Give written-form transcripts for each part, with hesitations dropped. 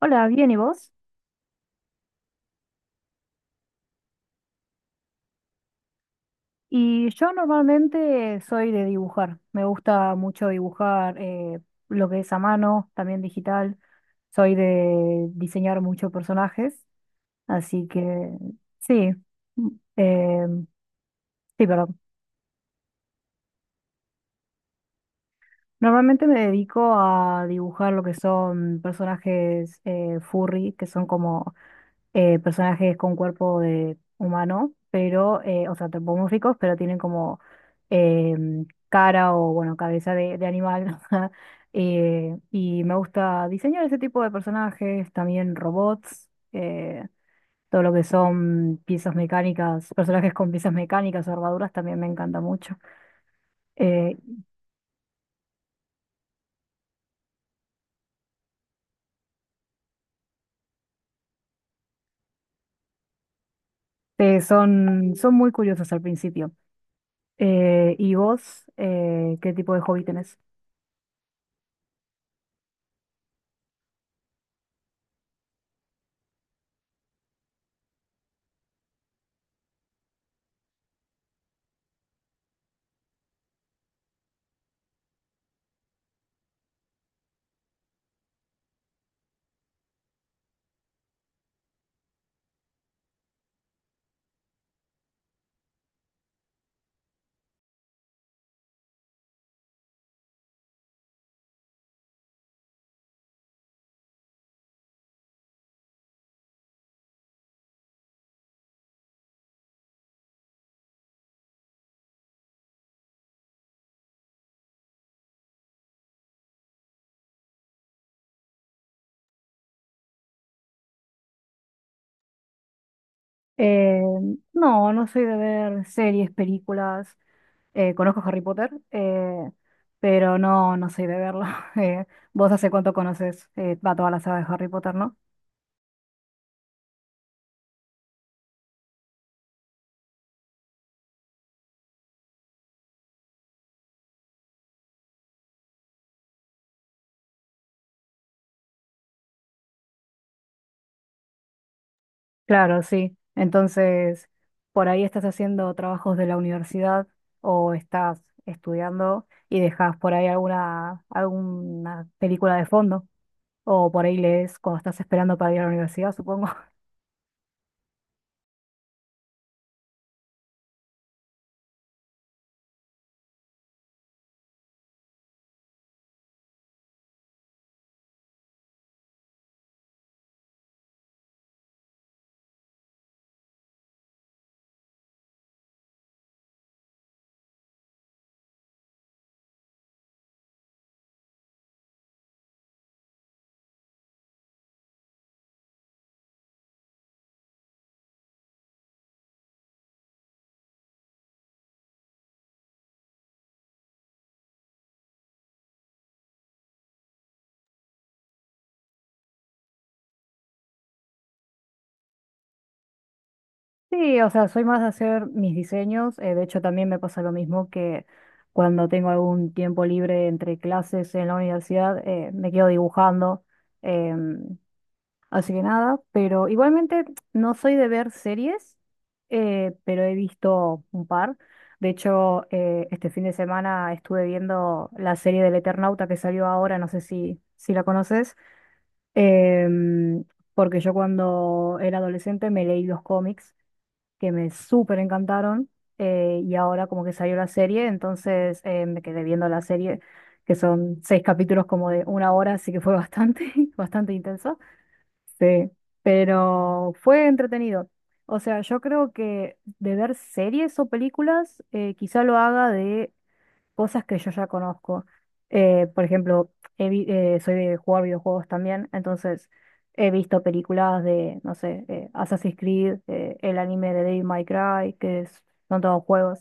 Hola, bien, ¿y vos? Y yo normalmente soy de dibujar. Me gusta mucho dibujar lo que es a mano, también digital. Soy de diseñar muchos personajes, así que sí, mm, eh, sí, perdón. Normalmente me dedico a dibujar lo que son personajes furry, que son como personajes con cuerpo de humano, pero, o sea, antropomórficos, pero tienen como cara o, bueno, cabeza de animal. Y me gusta diseñar ese tipo de personajes, también robots, todo lo que son piezas mecánicas, personajes con piezas mecánicas o armaduras también me encanta mucho. Eh, son muy curiosos al principio. ¿Y vos, qué tipo de hobby tenés? Eh, no, no soy de ver series, películas. Conozco Harry Potter, pero no, no soy de verlo. Eh, Vos hace cuánto conoces va toda la saga de Harry Potter, ¿no? Claro, sí. Entonces, por ahí estás haciendo trabajos de la universidad o estás estudiando y dejas por ahí alguna película de fondo. O por ahí lees cuando estás esperando para ir a la universidad, supongo. Sí, o sea, soy más de hacer mis diseños. De hecho, también me pasa lo mismo que cuando tengo algún tiempo libre entre clases en la universidad, me quedo dibujando. em, así que nada, pero igualmente no soy de ver series, pero he visto un par. De hecho, este fin de semana estuve viendo la serie del Eternauta que salió ahora, no sé si la conoces, em, porque yo cuando era adolescente me leí los cómics que me súper encantaron y ahora como que salió la serie, entonces me quedé viendo la serie, que son seis capítulos como de una hora, así que fue bastante, bastante intenso. Sí, pero fue entretenido. O sea, yo creo que de ver series o películas, quizá lo haga de cosas que yo ya conozco. Por ejemplo, soy de jugar videojuegos también, entonces he visto películas de, no sé, Assassin's Creed, el anime de Devil May Cry, que son todos juegos.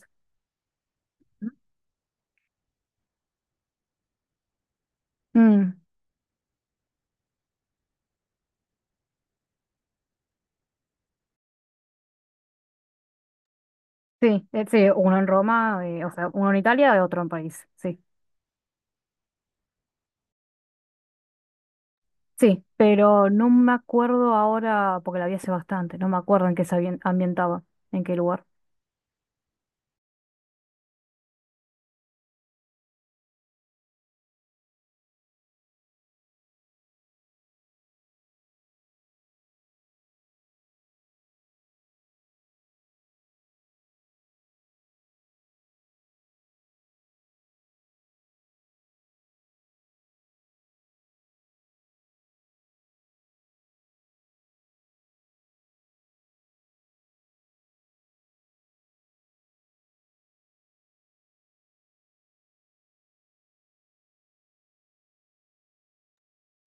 Mm, sí, sí, uno en Roma, o sea, uno en Italia y otro en París, sí. Sí, pero no me acuerdo ahora, porque la vi hace bastante, no me acuerdo en qué se ambientaba, en qué lugar.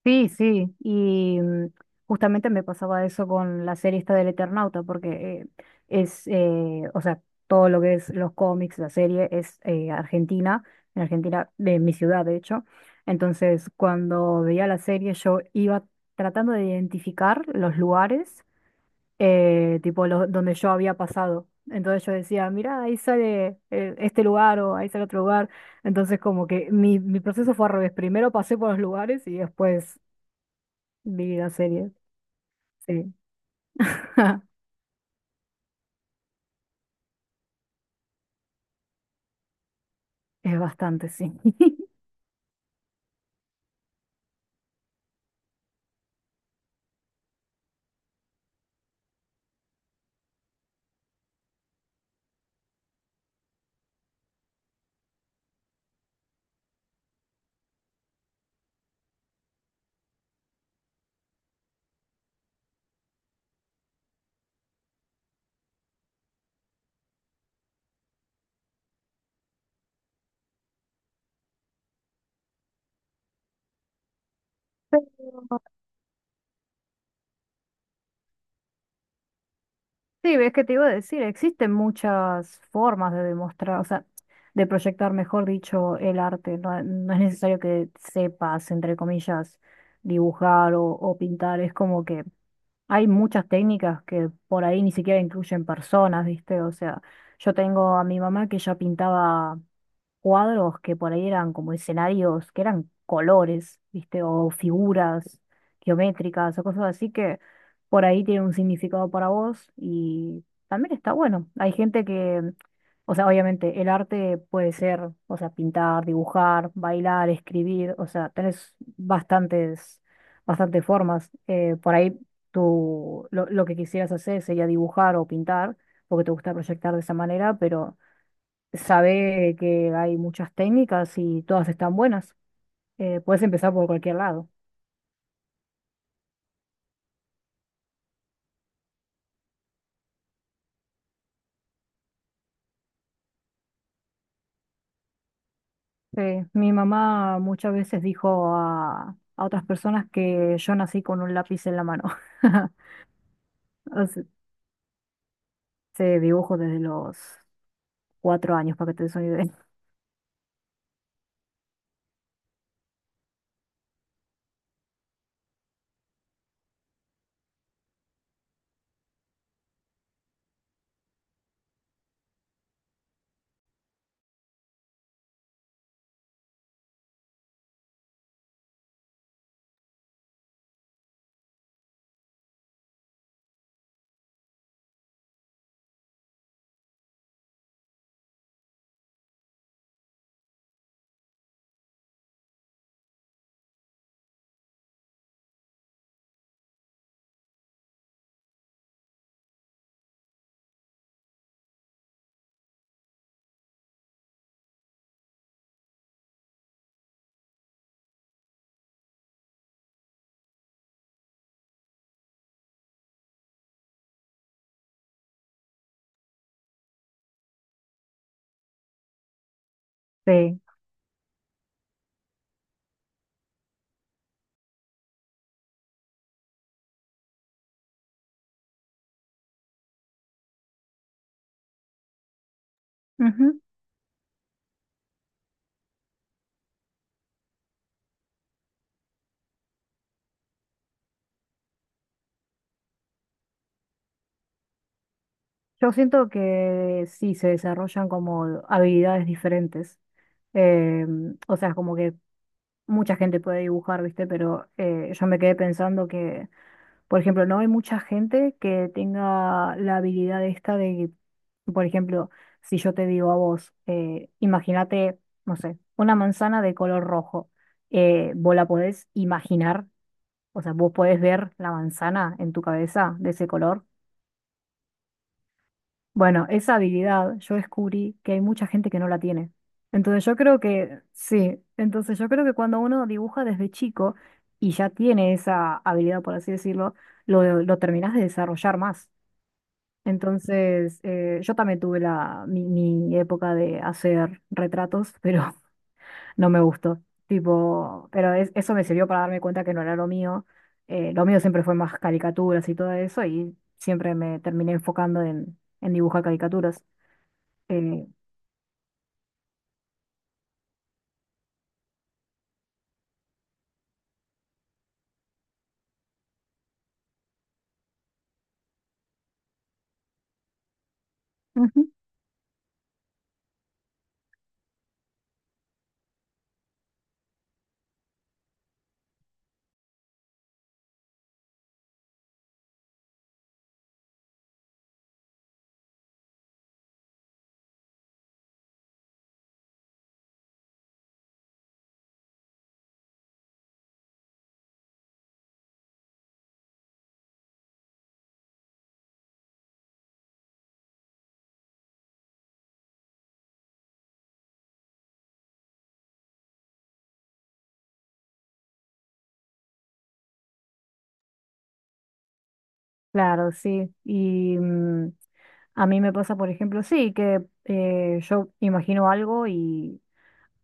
Sí, sí, y justamente me pasaba eso con la serie esta del Eternauta, porque es, o sea, todo lo que es los cómics, la serie es Argentina, en Argentina, de mi ciudad, de hecho. Entonces, cuando veía la serie, yo iba tratando de identificar los lugares, tipo, donde yo había pasado. Entonces yo decía, mira, ahí sale este lugar o ahí sale otro lugar. Entonces, como que mi proceso fue al revés. Primero pasé por los lugares y después Vida serie, sí. Es bastante, sí. Pero, sí, ves que te iba a decir, existen muchas formas de demostrar, o sea, de proyectar, mejor dicho, el arte. No, no es necesario que sepas, entre comillas, dibujar o pintar. Es como que hay muchas técnicas que por ahí ni siquiera incluyen personas, ¿viste? O sea, yo tengo a mi mamá que ella pintaba cuadros que por ahí eran como escenarios, que eran colores, ¿viste? O figuras geométricas o cosas así que por ahí tienen un significado para vos y también está bueno. Hay gente que, o sea, obviamente el arte puede ser, o sea, pintar, dibujar, bailar, escribir, o sea, tenés bastantes formas. Por ahí tú lo que quisieras hacer sería dibujar o pintar, porque te gusta proyectar de esa manera, pero sabe que hay muchas técnicas y todas están buenas. Puedes empezar por cualquier lado. Sí, mi mamá muchas veces dijo a otras personas que yo nací con un lápiz en la mano. O sea, se dibujo desde los 4 años, para que te des una idea. Sí. Ujú. Yo siento que sí, se desarrollan como habilidades diferentes. Eh, o sea, como que mucha gente puede dibujar, ¿viste? Pero yo me quedé pensando que por ejemplo, no hay mucha gente que tenga la habilidad esta de, por ejemplo, si yo te digo a vos, imagínate, no sé, una manzana de color rojo, vos la podés imaginar, o sea, vos podés ver la manzana en tu cabeza de ese color. Bueno, esa habilidad yo descubrí que hay mucha gente que no la tiene. Sí, entonces yo creo que cuando uno dibuja desde chico y ya tiene esa habilidad, por así decirlo, lo terminás de desarrollar más. Entonces, yo también tuve mi época de hacer retratos, pero no me gustó. Tipo, pero eso me sirvió para darme cuenta que no era lo mío. Lo mío siempre fue más caricaturas y todo eso, y siempre me terminé enfocando en dibujar caricaturas. Eh, Ujú. Claro, sí. Y a mí me pasa, por ejemplo, sí, que yo imagino algo y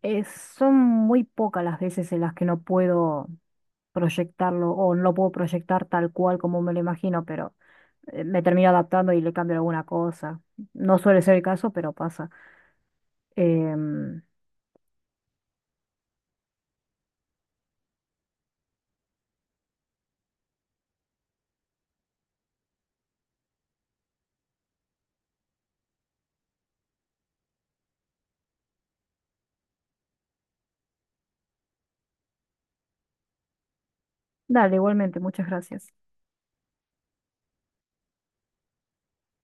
son muy pocas las veces en las que no puedo proyectarlo o no lo puedo proyectar tal cual como me lo imagino, pero me termino adaptando y le cambio alguna cosa. No suele ser el caso, pero pasa. Em, dale, igualmente, muchas gracias.